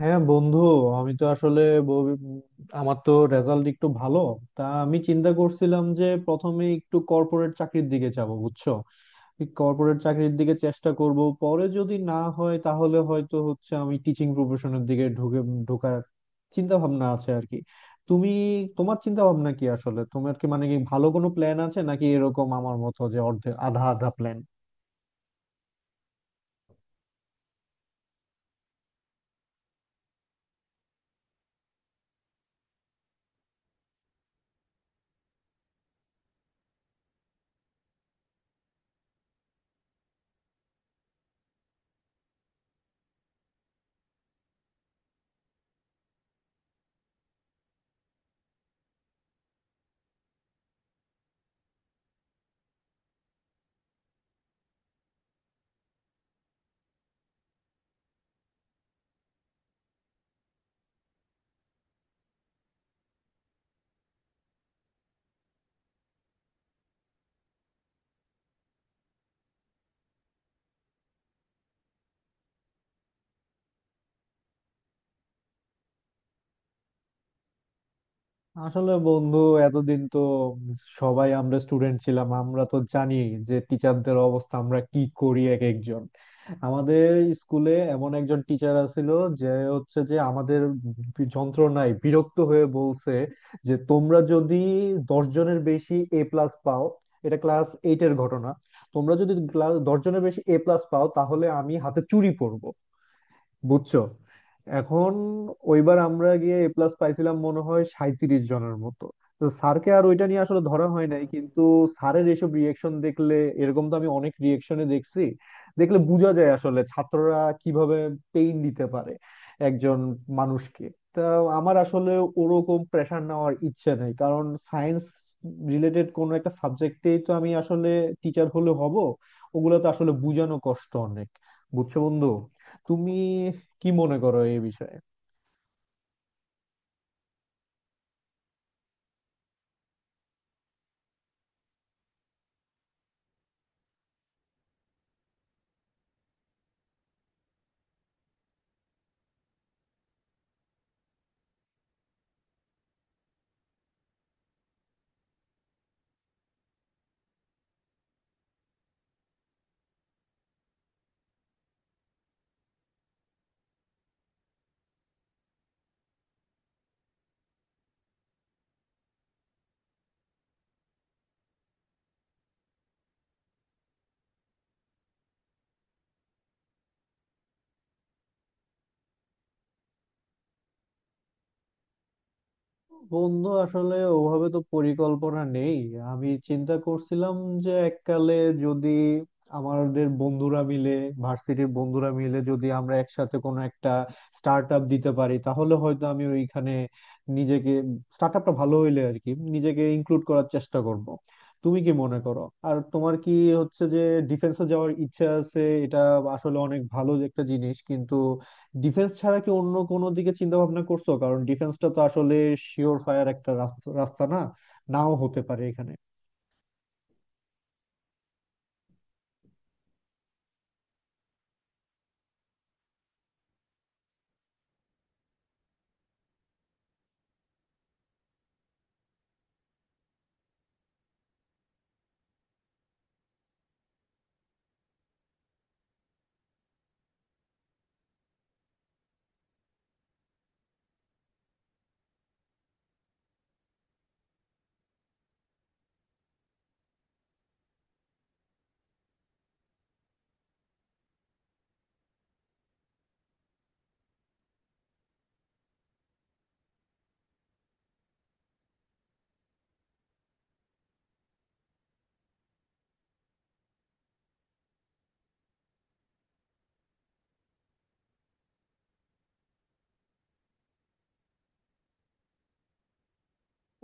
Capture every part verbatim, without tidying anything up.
হ্যাঁ বন্ধু, আমি তো আসলে ব- আমার তো রেজাল্ট একটু ভালো। তা আমি চিন্তা করছিলাম যে প্রথমে একটু কর্পোরেট চাকরির দিকে যাব, বুঝছো। কর্পোরেট চাকরির দিকে চেষ্টা করব, পরে যদি না হয় তাহলে হয়তো হচ্ছে আমি টিচিং প্রফেশনের দিকে ঢুকে ঢোকার চিন্তা ভাবনা আছে আর কি। তুমি, তোমার চিন্তা ভাবনা কি? আসলে তোমার কি মানে কি ভালো কোনো প্ল্যান আছে নাকি এরকম আমার মতো যে অর্ধেক আধা আধা প্ল্যান? আসলে বন্ধু, এতদিন তো সবাই আমরা স্টুডেন্ট ছিলাম, আমরা তো জানি যে টিচারদের অবস্থা আমরা কি করি এক একজন। আমাদের স্কুলে এমন একজন টিচার আছিল যে হচ্ছে যে আমাদের বি- যন্ত্রণায় বিরক্ত হয়ে বলছে যে তোমরা যদি দশ জনের বেশি এ প্লাস পাও, এটা ক্লাস এইট এর ঘটনা, তোমরা যদি ক্লাস দশ জনের বেশি এ প্লাস পাও তাহলে আমি হাতে চুড়ি পরব, বুঝছো। এখন ওইবার আমরা গিয়ে এ প্লাস পাইছিলাম মনে হয় সাঁইত্রিশ জনের মতো। তো স্যারকে আর ওইটা নিয়ে আসলে ধরা হয় নাই, কিন্তু স্যারের এসব রিয়েকশন দেখলে, এরকম তো আমি অনেক রিয়েকশনে দেখছি, দেখলে বোঝা যায় আসলে ছাত্ররা কিভাবে পেইন দিতে পারে একজন মানুষকে। তা আমার আসলে ওরকম প্রেশার নেওয়ার ইচ্ছে নেই, কারণ সায়েন্স রিলেটেড কোনো একটা সাবজেক্টেই তো আমি আসলে টিচার হলে হব, ওগুলো তো আসলে বোঝানো কষ্ট অনেক। বুঝছো বন্ধু, তুমি কি মনে করো এই বিষয়ে? বন্ধু আসলে ওভাবে তো পরিকল্পনা নেই। আমি চিন্তা করছিলাম যে এককালে যদি আমাদের বন্ধুরা মিলে, ভার্সিটির বন্ধুরা মিলে যদি আমরা একসাথে কোনো একটা স্টার্ট আপ দিতে পারি তাহলে হয়তো আমি ওইখানে নিজেকে, স্টার্ট আপটা ভালো হইলে আর কি নিজেকে ইনক্লুড করার চেষ্টা করব। তুমি কি মনে করো? আর তোমার কি হচ্ছে যে ডিফেন্সে যাওয়ার ইচ্ছা আছে, এটা আসলে অনেক ভালো একটা জিনিস, কিন্তু ডিফেন্স ছাড়া কি অন্য কোনো দিকে চিন্তা ভাবনা করছো? কারণ ডিফেন্সটা তো আসলে শিওর ফায়ার একটা রাস্তা, রাস্তা না নাও হতে পারে এখানে।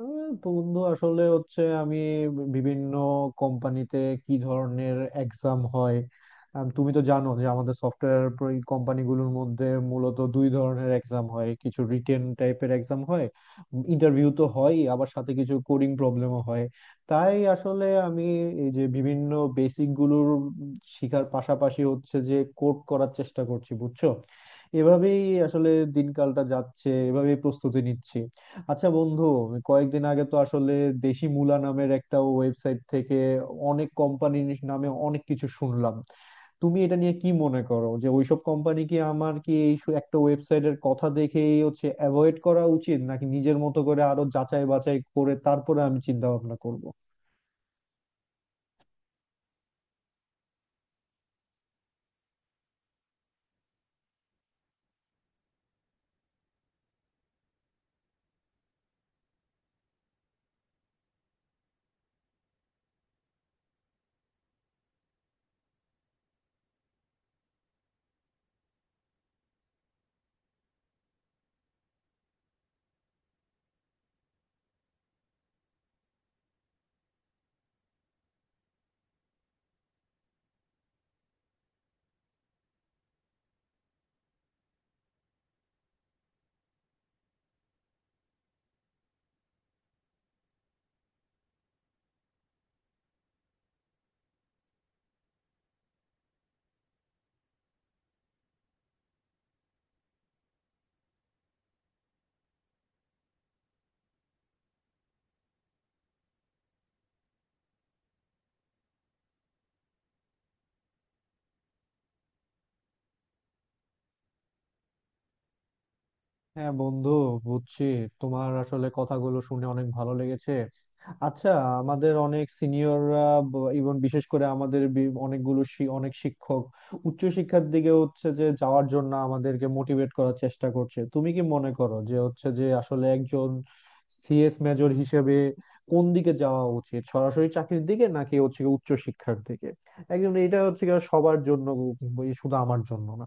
উম, বন্ধু আসলে হচ্ছে আমি বিভিন্ন কোম্পানিতে কি ধরনের এক্সাম হয়, আম, তুমি তো জানো যে আমাদের সফটওয়্যার কোম্পানিগুলোর মধ্যে মূলত দুই ধরনের এক্সাম হয়, কিছু রিটেন টাইপের এক্সাম হয়, ইন্টারভিউ তো হয়, আবার সাথে কিছু কোডিং প্রবলেমও হয়। তাই আসলে আমি এই যে বিভিন্ন বেসিক গুলোর শিখার পাশাপাশি হচ্ছে যে কোড করার চেষ্টা করছি, বুঝছো। এভাবেই আসলে দিনকালটা যাচ্ছে, এভাবেই প্রস্তুতি নিচ্ছি। আচ্ছা বন্ধু, আমি কয়েকদিন আগে তো আসলে দেশি মুলা নামের একটা ওয়েবসাইট থেকে অনেক কোম্পানির নামে অনেক কিছু শুনলাম। তুমি এটা নিয়ে কি মনে করো যে ওইসব কোম্পানি কি, আমার কি এই সু- একটা ওয়েবসাইটের কথা দেখেই হচ্ছে অ্যাভয়েড করা উচিত নাকি নিজের মতো করে আরো যাচাই বাছাই করে তারপরে আমি চিন্তা ভাবনা করব? হ্যাঁ বন্ধু, বুঝছি। তোমার আসলে কথাগুলো শুনে অনেক ভালো লেগেছে। আচ্ছা, আমাদের অনেক সিনিয়ররা এবং বিশেষ করে আমাদের বি- অনেকগুলো শি- অনেক শিক্ষক উচ্চশিক্ষার দিকে হচ্ছে যে যাওয়ার জন্য আমাদেরকে মোটিভেট করার চেষ্টা করছে। তুমি কি মনে করো যে হচ্ছে যে আসলে একজন সি এস মেজর হিসেবে কোন দিকে যাওয়া উচিত, সরাসরি চাকরির দিকে নাকি হচ্ছে গিয়ে উচ্চশিক্ষার দিকে? একদম এটা হচ্ছে গিয়ে সবার জন্য, উম, শুধু আমার জন্য না।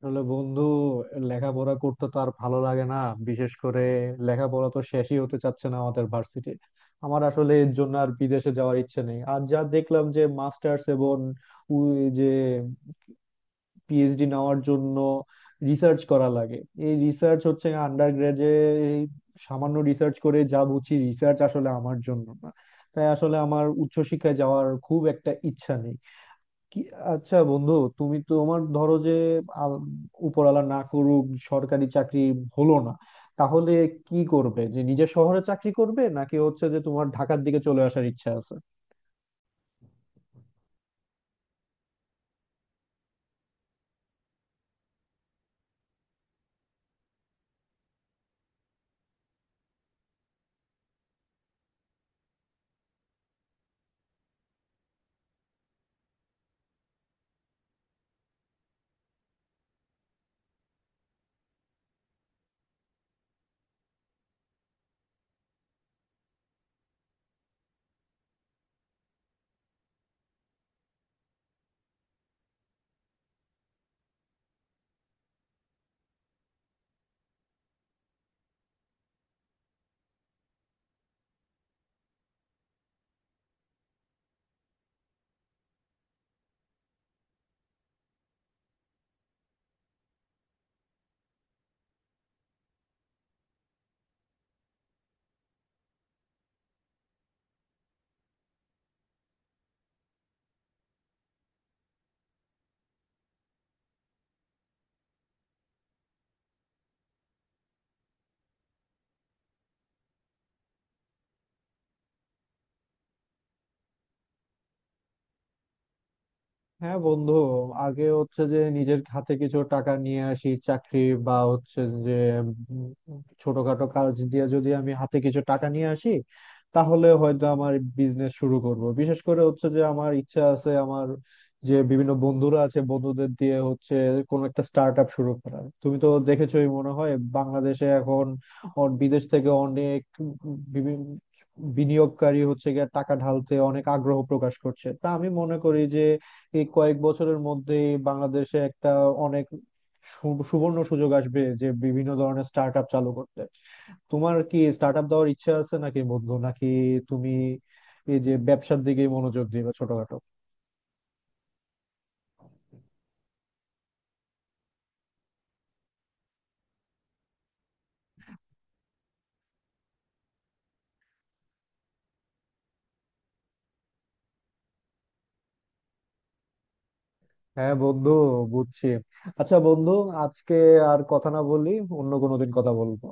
আসলে বন্ধু লেখাপড়া করতে তো আর ভালো লাগে না, বিশেষ করে লেখাপড়া তো শেষই হতে চাচ্ছে না আমাদের ভার্সিটি। আমার আসলে এর জন্য আর বিদেশে যাওয়ার ইচ্ছে নেই। আর যা দেখলাম যে মাস্টার্স এবং উ- যে পি এইচ ডি নেওয়ার জন্য রিসার্চ করা লাগে, এই রিসার্চ হচ্ছে আন্ডার গ্রাজে সামান্য রিসার্চ করে যা বুঝি রিসার্চ আসলে আমার জন্য না। তাই আসলে আমার উচ্চশিক্ষায় যাওয়ার খুব একটা ইচ্ছা নেই। কি, আচ্ছা বন্ধু, তুমি তো তোমার ধরো যে আল- উপরওয়ালা না করুক, সরকারি চাকরি হলো না, তাহলে কি করবে? যে নিজের শহরে চাকরি করবে নাকি হচ্ছে যে তোমার ঢাকার দিকে চলে আসার ইচ্ছা আছে? হ্যাঁ বন্ধু, আগে হচ্ছে যে নিজের হাতে কিছু টাকা নিয়ে আসি, চাকরি বা হচ্ছে যে উম ছোটখাটো কাজ দিয়ে যদি আমি হাতে কিছু টাকা নিয়ে আসি তাহলে হয়তো আমার বিজনেস শুরু করব। বিশেষ করে হচ্ছে যে আমার ইচ্ছা আছে আমার যে বিভিন্ন বন্ধুরা আছে বন্ধুদের দিয়ে হচ্ছে কোন একটা স্টার্ট আপ শুরু করার। তুমি তো দেখেছোই মনে হয় বাংলাদেশে এখন অ- বিদেশ থেকে অনেক বিভিন্ন বিনিয়োগকারী হচ্ছে গিয়ে টাকা ঢালতে অনেক আগ্রহ প্রকাশ করছে। তা আমি মনে করি যে এই কয়েক বছরের মধ্যে বাংলাদেশে একটা অনেক সু- সুবর্ণ সুযোগ আসবে যে বিভিন্ন ধরনের স্টার্ট আপ চালু করতে। তোমার কি স্টার্ট আপ দেওয়ার ইচ্ছা আছে নাকি বন্ধু? নাকি তুমি এই যে ব্যবসার দিকে মনোযোগ দিবে ছোটখাটো? হ্যাঁ বন্ধু, বুঝছি। আচ্ছা বন্ধু, আজকে আর কথা না বলি। অন্য কোনো দিন কথা বলবো।